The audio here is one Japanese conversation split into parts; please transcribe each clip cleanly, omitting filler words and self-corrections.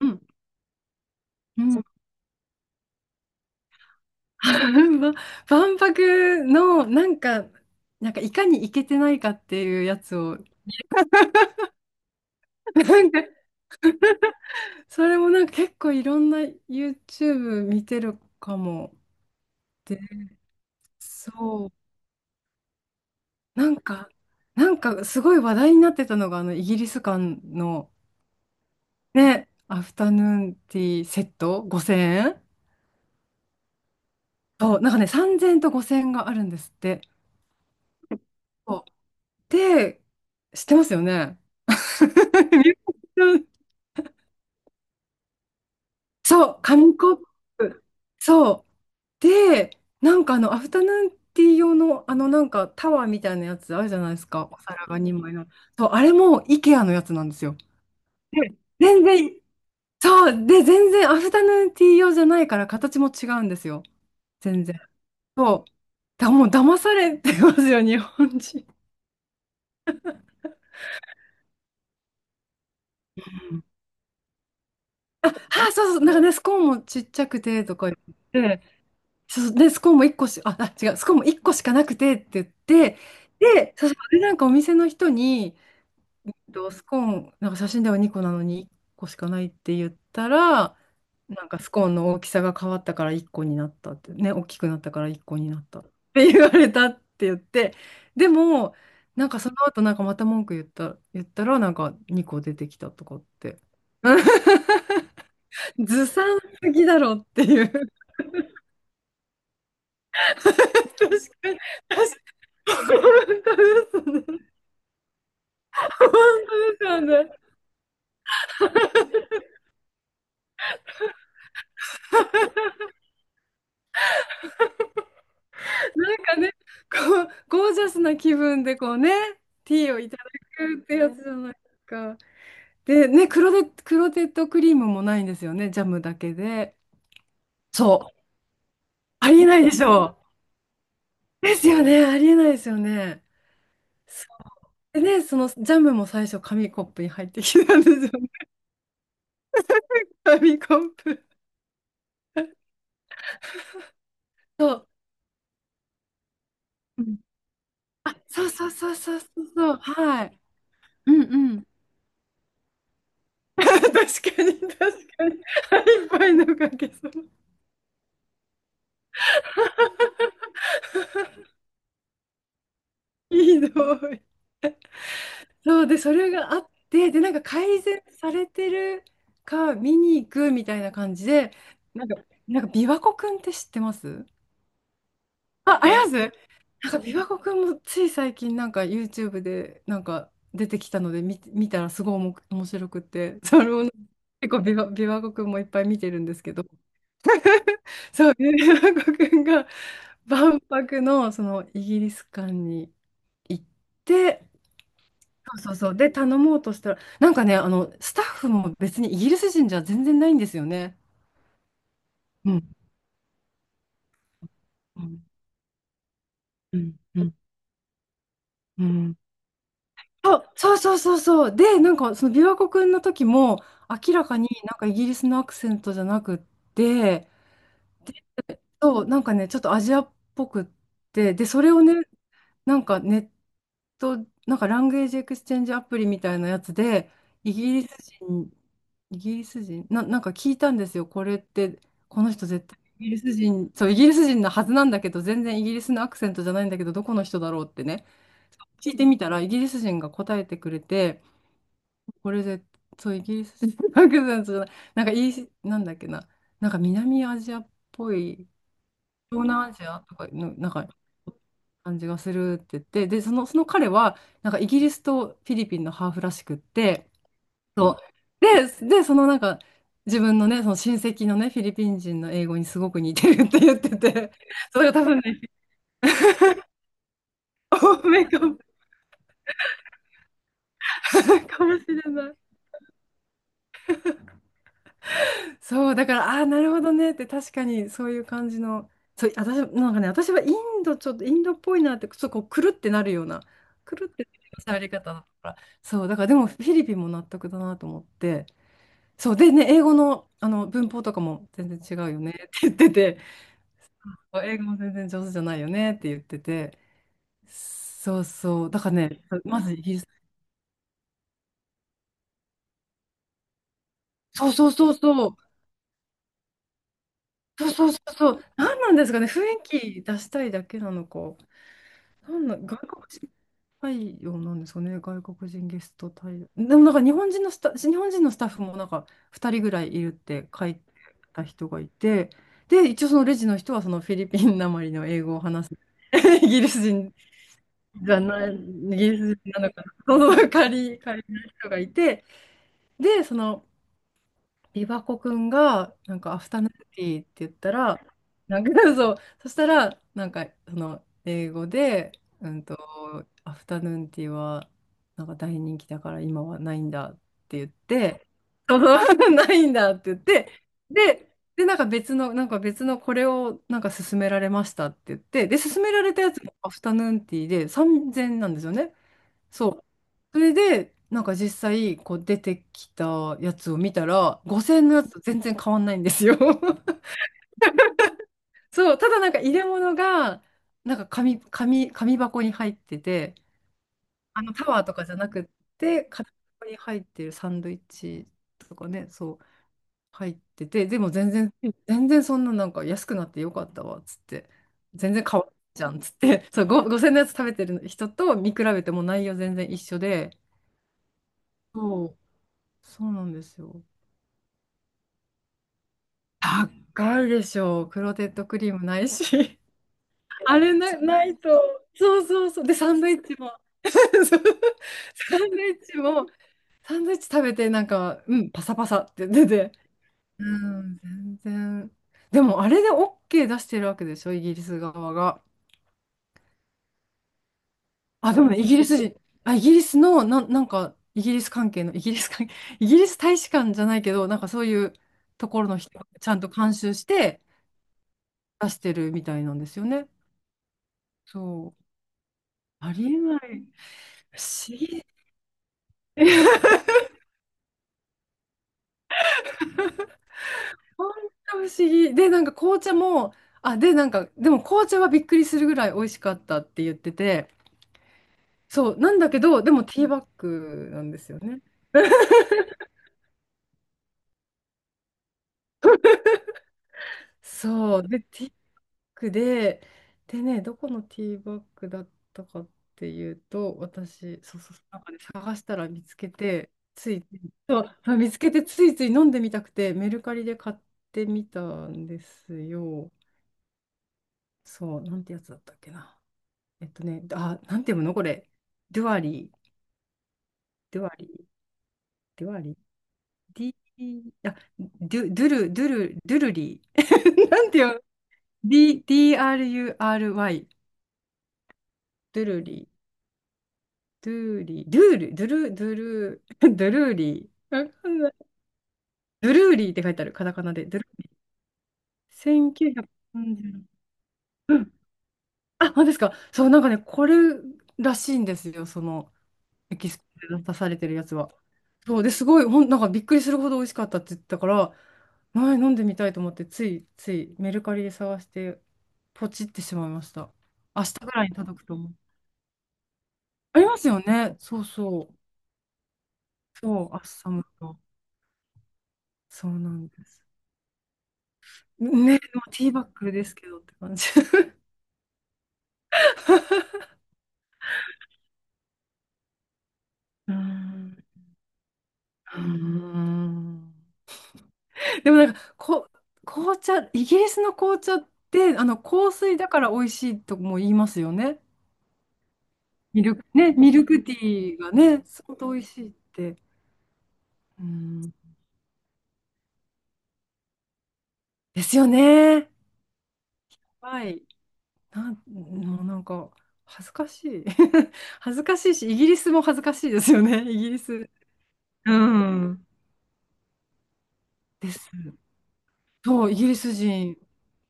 うん、うん。 ば万博のなんか、なんかいかにイけてないかっていうやつを、なんか。 それもなんか結構いろんな YouTube 見てるかも。で、そう、なんか、なんかすごい話題になってたのが、あのイギリス館のね、アフタヌーンティーセット5000円。そう、なんかね、3000円と5000円があるんですって。そうで、知ってますよね。そう、紙コップ。そう。で、なんかあの、アフタヌーンティー用の、あの、なんかタワーみたいなやつあるじゃないですか。お皿が2枚の。そう、あれも IKEA のやつなんですよ。で、全然、そう。で、全然アフタヌーンティー用じゃないから形も違うんですよ。全然。そう。だ、もう騙されてますよ、日本人。あ、そうそう。なんかね、スコーンもちっちゃくてとか言って。そう、で、スコーンも1個し、あ、あ違う、スコーンも1個しかなくてって言って、で、そうそうで、なんかお店の人に、どスコーン、なんか写真では2個なのに1個しかないって言ったら、なんかスコーンの大きさが変わったから1個になったって、ね、大きくなったから1個になったって言われたって言って、でも、なんかその後なんかまた文句言った、言ったら、なんか2個出てきたとかって。ずさんすぎだろっていう。確かに、確本当ですね。本当ですよね。なんかね、こう、ゴージャスな気分でこうね、ティーをいただくってやつじゃないですか。で、ね、クロテッドクリームもないんですよね、ジャムだけで。そう、ありえないでしょう。ですよね、ありえないですよね。そうでね、そのジャムも最初、紙コップに入ってきたんですよね。紙コップ。そう。うん、あ、そうそうそうそうそうそう。はい。うんうん。確かに、確かに。腹いっぱいのかけそう。いいの、そう、で、それがあって、で、なんか改善されてるか見に行くみたいな感じで、なんか、なんか琵琶湖くんって知ってます？あ、あります、なんか琵琶湖くんもつい最近なんか YouTube でなんか出てきたので見、見たらすごいおも面白くて、それをね、結構琵琶、琵琶湖くんもいっぱい見てるんですけど、そう、琵琶湖くんが万博のそのイギリス館に行って、そうそうそう、で、頼もうとしたら、なんかね、あの、スタッフも別にイギリス人じゃ全然ないんですよね。うん、うん、うん、うん、うん。そうそうそうそうそう。で、なんかその琵琶湖くんの時も明らかになんかイギリスのアクセントじゃなくって、そう、なんかね、ちょっとアジアっぽくって、で、それをね、なんかネット、なんかランゲージエクスチェンジアプリみたいなやつで、イギリス人イギリス人な、なんか聞いたんですよ。これって、この人絶対イギリス人、そう、イギリス人のはずなんだけど、全然イギリスのアクセントじゃないんだけど、どこの人だろうってね、聞いてみたら、イギリス人が答えてくれて、これで、そう、イギリス人のアクセントじゃない、なんかイース、なんだっけな、なんか南アジアっぽい、東南アジアとかの、なんか、感じがするって言って、で、その、その彼は、なんかイギリスとフィリピンのハーフらしくって、そう。で、で、そのなんか、自分のね、その親戚のね、フィリピン人の英語にすごく似てるって言ってて、それが多分ね、多めかも、かもしれない。そう、だから、ああ、なるほどねって、確かにそういう感じの、そう、私、なんかね、私はインド、ちょっとインドっぽいなって、ちょっとこう、くるってなるような、くるってなる喋り方だから、そう、だからでも、フィリピンも納得だなと思って、そう、でね、英語の、あの文法とかも全然違うよねって言ってて、英語も全然上手じゃないよねって言ってて。そうそう。だからね、まずイギリス。そうそうそうそう。そうそうそうそう。何なんですかね。雰囲気出したいだけなのか。なんなん外国人対応なんですかね。外国人ゲスト対応。でもなんか日本人の日本人のスタッフもなんか2人ぐらいいるって書いてた人がいて、で、一応そのレジの人はそのフィリピンなまりの英語を話す。イギリス人イギリス人なのかな、その仮、仮の人がいて、で、その、琵琶湖くんが、なんか、アフタヌーンティーって言ったら、なんか。 そう、そしたら、なんか、その、英語で、うんと、アフタヌーンティーは、なんか大人気だから今はないんだって言って、そう。 ないんだって言って、で、で、なんか別の、なんか別のこれをなんか勧められましたって言って、で、勧められたやつもアフタヌーンティーで3000なんですよね。そう。それで、なんか実際、こう出てきたやつを見たら、5000円のやつと全然変わんないんですよ。そう、ただなんか入れ物が、なんか紙箱に入ってて、あのタワーとかじゃなくって、紙箱に入ってるサンドイッチとかね、そう、入ってて、でも全然、全然そんななんか安くなってよかったわ、つって、全然変わんじゃん、つって、そう、ご5000のやつ食べてる人と見比べても内容全然一緒で、そうそうなんですよ。高いでしょう。クロテッドクリームないし。あれな、ないと。そうそうそう。で、サンドイッチも。そうサンドイッチも、サンドイッチ食べて、なんか、うん、パサパサって出て。うん、全然。でも、あれで OK 出してるわけでしょ、イギリス側が。あ、でもね、イギリス人、あ、イギリスの、なんか、イギリス関係、イギリス大使館じゃないけど、なんかそういうところの人がちゃんと監修して、出してるみたいなんですよね。そう。ありえない。不思議。本当不思議。で、なんか紅茶も、あ、で、なんか、でも紅茶はびっくりするぐらい美味しかったって言ってて、そう、なんだけど、でもティーバッグなんですよね。そう。で、ティクで、でね、どこのティーバッグだったかっていうと、私、そうそう、なんかね、探したら見つけて、つい、そうそう見つけてついつい飲んでみたくて、メルカリで買ってみたんですよ。そう、なんてやつだったっけな。えっとね、あ、なんて読むのこれ。ドゥアリー、ドゥアリー、ドゥアリー、D、あ、ドゥルリー。なんて読む D、DRURY、ドゥルリー。ドゥーリー、ドゥール、ドゥル、ドゥル、ドゥルーリー。わかんない。ドゥルーリーって書いてある、カタカナで。ドゥルーリー。1930。うん。あ、本当ですか。そう、なんかね、これらしいんですよ、その、エキスポで出されてるやつは。そう、で、すごい、ほん、なんかびっくりするほど美味しかったって言ったから、前飲んでみたいと思って、つい、メルカリで探して、ポチってしまいました。明日ぐらいに届くと思う。ありますよね。そうそう。そう、アッサムと。そうなんです。ね、もうティーバッグですけどって感じ。うーん。うーん、でもなんかこ、紅茶、イギリスの紅茶ってあの香水だから美味しいとも言いますよね。ミルク、ね、ミルクティーがね、相当美味しいって。うん、ですよね。はい。なん、もうなんか恥ずかしい。恥ずかしいし、イギリスも恥ずかしいですよね、イギリス。うん。です。そう、イギリス人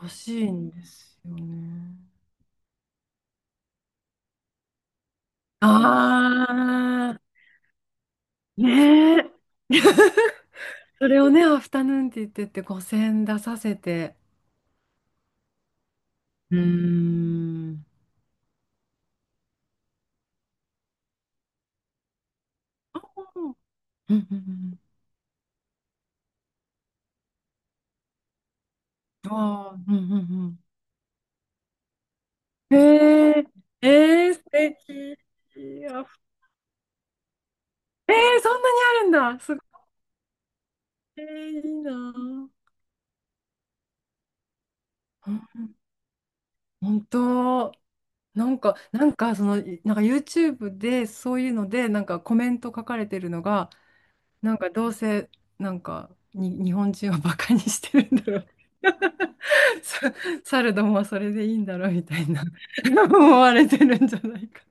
らしいんですよね。あー、ねえ。それをね、アフタヌーンって言ってって5000出させて。うーん。あうんうんうんあーうんうんうんえー、えー、素敵。いや、えー、そんなにあるんだ。すごい、えーいいなぁ。本当、なんか、なんか、その、いなんか YouTube でそういうので、なんかコメント書かれてるのが、なんかどうせなんかに日本人をバカにしてるんだろう。 さ猿どもはそれでいいんだろうみたいな。 思われてるんじゃないか。